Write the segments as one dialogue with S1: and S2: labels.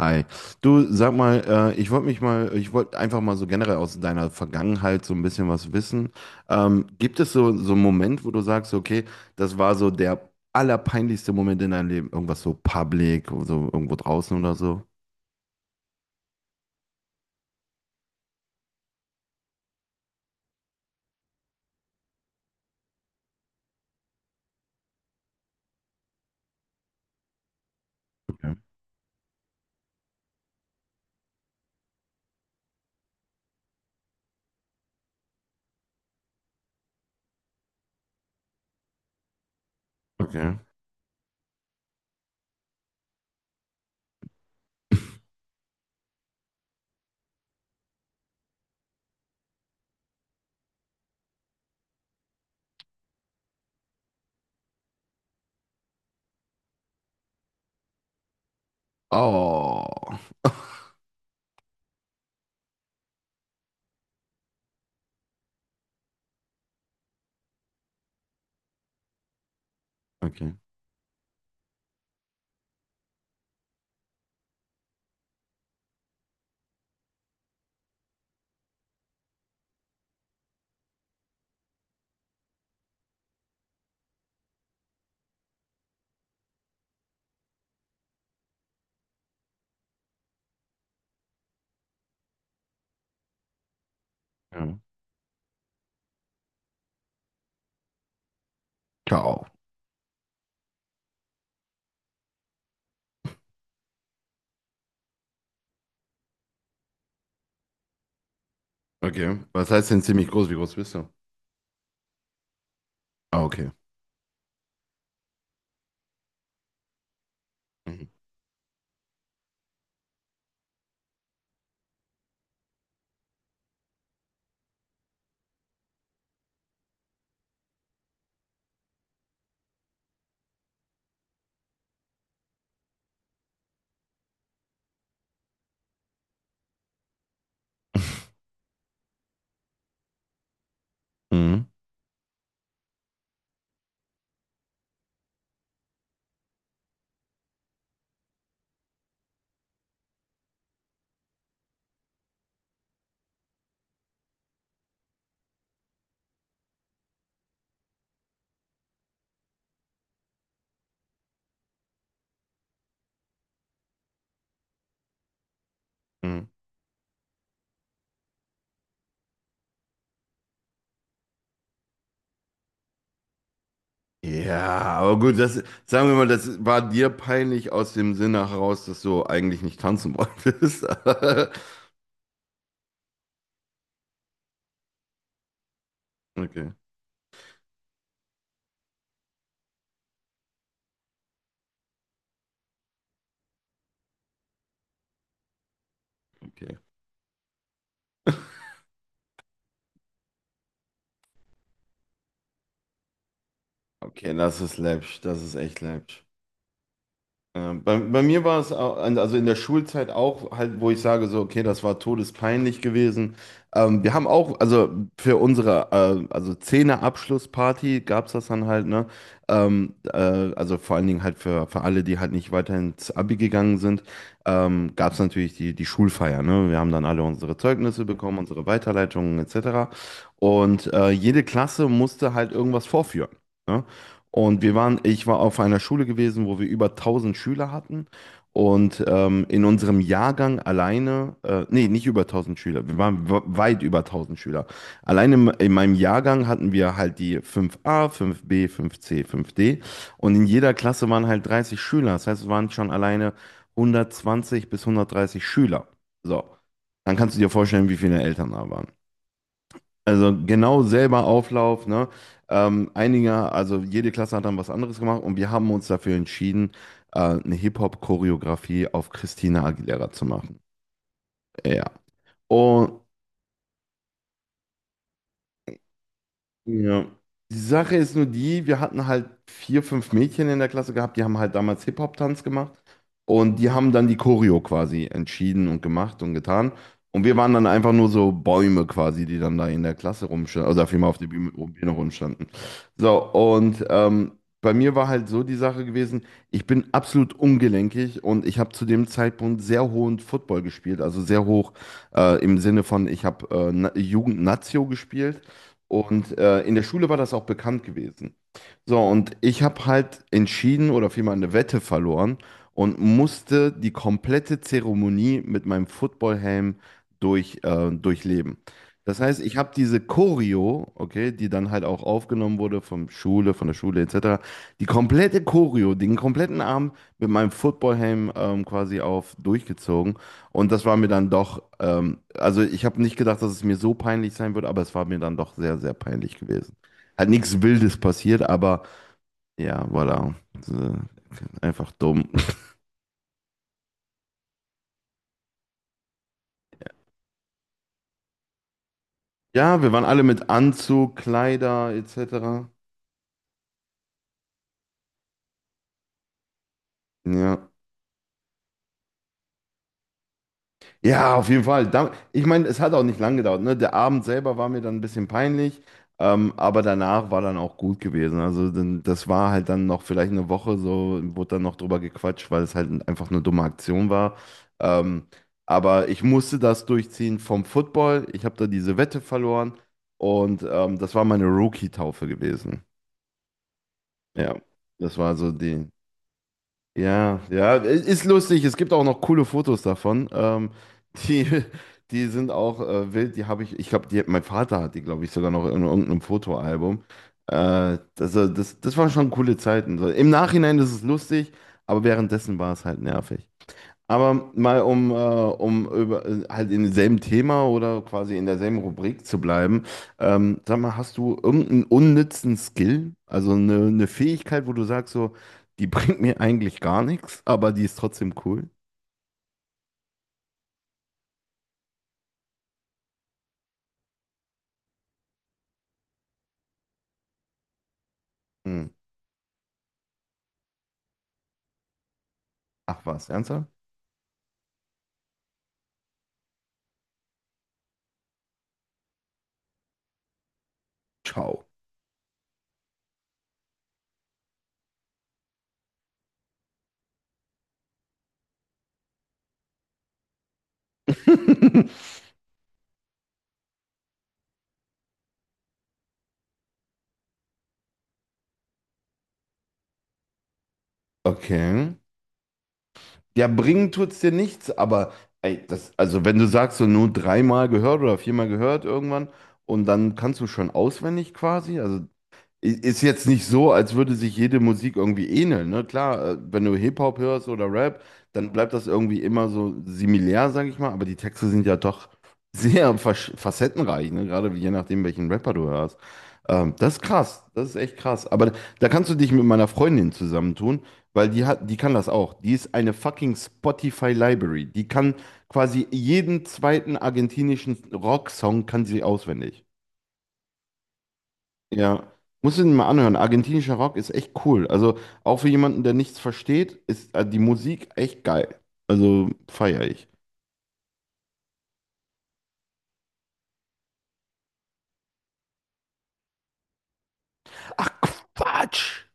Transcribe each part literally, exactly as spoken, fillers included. S1: Hi. Du, sag mal, äh, ich wollte mich mal, ich wollte einfach mal so generell aus deiner Vergangenheit so ein bisschen was wissen. Ähm, gibt es so, so einen Moment, wo du sagst, okay, das war so der allerpeinlichste Moment in deinem Leben? Irgendwas so public, so irgendwo draußen oder so? Okay. Okay. Oh. Okay. Ja. Ciao. Okay. Was heißt denn ziemlich groß? Wie groß bist du? Ah, okay. Mhm. Mhm. Ja, aber gut, das, sagen wir mal, das war dir peinlich aus dem Sinne heraus, dass du eigentlich nicht tanzen wolltest. Okay, okay. Okay, das ist läppisch, das ist echt läppisch. Ja, bei, bei mir war es au- also in der Schulzeit auch halt, wo ich sage so, okay, das war todespeinlich gewesen. Ähm, wir haben auch, also für unsere äh, also Zehner-Abschlussparty gab es das dann halt, ne? Ähm, äh, also vor allen Dingen halt für, für alle, die halt nicht weiter ins Abi gegangen sind, ähm, gab es natürlich die, die Schulfeier, ne? Wir haben dann alle unsere Zeugnisse bekommen, unsere Weiterleitungen et cetera. Und äh, jede Klasse musste halt irgendwas vorführen. Ne? Und wir waren, ich war auf einer Schule gewesen, wo wir über tausend Schüler hatten. Und ähm, in unserem Jahrgang alleine, äh, nee, nicht über tausend Schüler, wir waren we- weit über tausend Schüler. Alleine in, in meinem Jahrgang hatten wir halt die fünf a fünf b fünf c fünf d. Und in jeder Klasse waren halt dreißig Schüler. Das heißt, es waren schon alleine hundertzwanzig bis hundertdreißig Schüler. So, dann kannst du dir vorstellen, wie viele Eltern da waren. Also genau selber Auflauf, ne? Ähm, einige, also jede Klasse hat dann was anderes gemacht und wir haben uns dafür entschieden, äh, eine Hip-Hop-Choreografie auf Christina Aguilera zu machen. Ja. Ja. Die Sache ist nur die, wir hatten halt vier, fünf Mädchen in der Klasse gehabt, die haben halt damals Hip-Hop-Tanz gemacht und die haben dann die Choreo quasi entschieden und gemacht und getan. Und wir waren dann einfach nur so Bäume quasi, die dann da in der Klasse rumstanden, also vielmehr auf der Bühne, Bühne rumstanden. So, und ähm, bei mir war halt so die Sache gewesen, ich bin absolut ungelenkig und ich habe zu dem Zeitpunkt sehr hohen Football gespielt, also sehr hoch äh, im Sinne von, ich habe äh, Na- Jugend-Nazio gespielt. Und äh, in der Schule war das auch bekannt gewesen. So, und ich habe halt entschieden oder vielmehr eine Wette verloren und musste die komplette Zeremonie mit meinem Footballhelm durch, äh, durchleben. Das heißt, ich habe diese Choreo, okay, die dann halt auch aufgenommen wurde vom Schule, von der Schule et cetera, die komplette Choreo, den kompletten Abend mit meinem Footballhelm ähm, quasi auf durchgezogen. Und das war mir dann doch, ähm, also ich habe nicht gedacht, dass es mir so peinlich sein wird, aber es war mir dann doch sehr, sehr peinlich gewesen. Hat nichts Wildes passiert, aber ja, voilà. So, einfach dumm. Ja, wir waren alle mit Anzug, Kleider et cetera. Ja. Ja, auf jeden Fall. Da, ich meine, es hat auch nicht lang gedauert. Ne? Der Abend selber war mir dann ein bisschen peinlich, ähm, aber danach war dann auch gut gewesen. Also dann, das war halt dann noch vielleicht eine Woche so, wurde dann noch drüber gequatscht, weil es halt einfach eine dumme Aktion war. Ähm, aber ich musste das durchziehen vom Football. Ich habe da diese Wette verloren und ähm, das war meine Rookie-Taufe gewesen. Ja, das war so die. Ja, ja, es ist lustig. Es gibt auch noch coole Fotos davon. Ähm, die, die sind auch äh, wild. Die habe ich, ich glaube, die, mein Vater hat die, glaube ich, sogar noch in irgendeinem Fotoalbum. Äh, das, äh, das, das waren schon coole Zeiten. So, im Nachhinein ist es lustig, aber währenddessen war es halt nervig. Aber mal um, äh, um über, äh, halt in demselben Thema oder quasi in derselben Rubrik zu bleiben, ähm, sag mal, hast du irgendeinen unnützen Skill, also eine, eine Fähigkeit, wo du sagst so, die bringt mir eigentlich gar nichts, aber die ist trotzdem cool? Hm. Ach was, ernsthaft? Ciao. Okay. Ja, bringen tut's dir nichts, aber ey, das, also wenn du sagst, so nur dreimal gehört oder viermal gehört irgendwann und dann kannst du schon auswendig quasi, also ist jetzt nicht so, als würde sich jede Musik irgendwie ähneln, ne? Klar, äh, wenn du Hip-Hop hörst oder Rap, dann bleibt das irgendwie immer so similär, sag ich mal, aber die Texte sind ja doch sehr versch- facettenreich, ne? Gerade je nachdem, welchen Rapper du hörst. Ähm, das ist krass, das ist echt krass. Aber da, da kannst du dich mit meiner Freundin zusammentun, weil die hat, die kann das auch. Die ist eine fucking Spotify Library. Die kann quasi jeden zweiten argentinischen Rocksong kann sie auswendig. Ja, musst du ihn mal anhören. Argentinischer Rock ist echt cool. Also auch für jemanden, der nichts versteht, ist äh, die Musik echt geil. Also feiere ich. Ach Quatsch!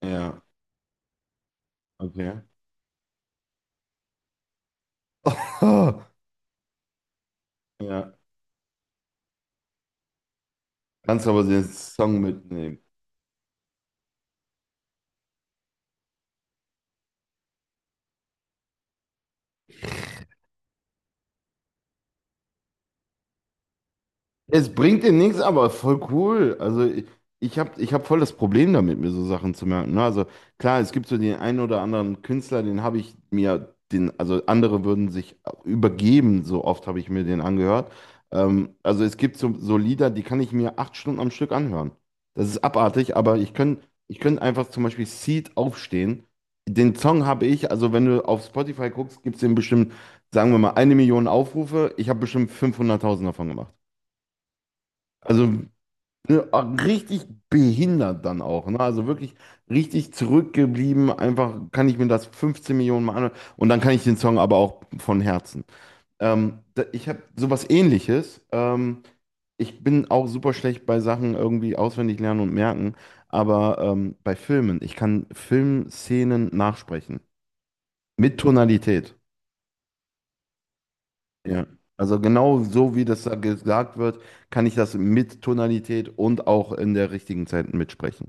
S1: Ja, okay. Ja. Kannst aber den Song mitnehmen. Es bringt dir nichts, aber voll cool. Also ich, ich habe ich hab voll das Problem damit, mir so Sachen zu merken. Ne? Also klar, es gibt so den einen oder anderen Künstler, den habe ich mir, den, also andere würden sich übergeben, so oft habe ich mir den angehört. Ähm, also es gibt so, so Lieder, die kann ich mir acht Stunden am Stück anhören. Das ist abartig, aber ich könnte ich könnt einfach zum Beispiel Seed aufstehen. Den Song habe ich, also wenn du auf Spotify guckst, gibt es den bestimmt, sagen wir mal, eine Million Aufrufe. Ich habe bestimmt fünfhunderttausend davon gemacht. Also ne, ah, richtig behindert dann auch, ne? Also wirklich richtig zurückgeblieben. Einfach kann ich mir das fünfzehn Millionen Mal anhören. Und dann kann ich den Song aber auch von Herzen. Ähm, da, ich habe sowas Ähnliches. Ähm, ich bin auch super schlecht bei Sachen irgendwie auswendig lernen und merken. Aber ähm, bei Filmen, ich kann Filmszenen nachsprechen. Mit Tonalität. Ja. Also genau so, wie das da gesagt wird, kann ich das mit Tonalität und auch in der richtigen Zeit mitsprechen.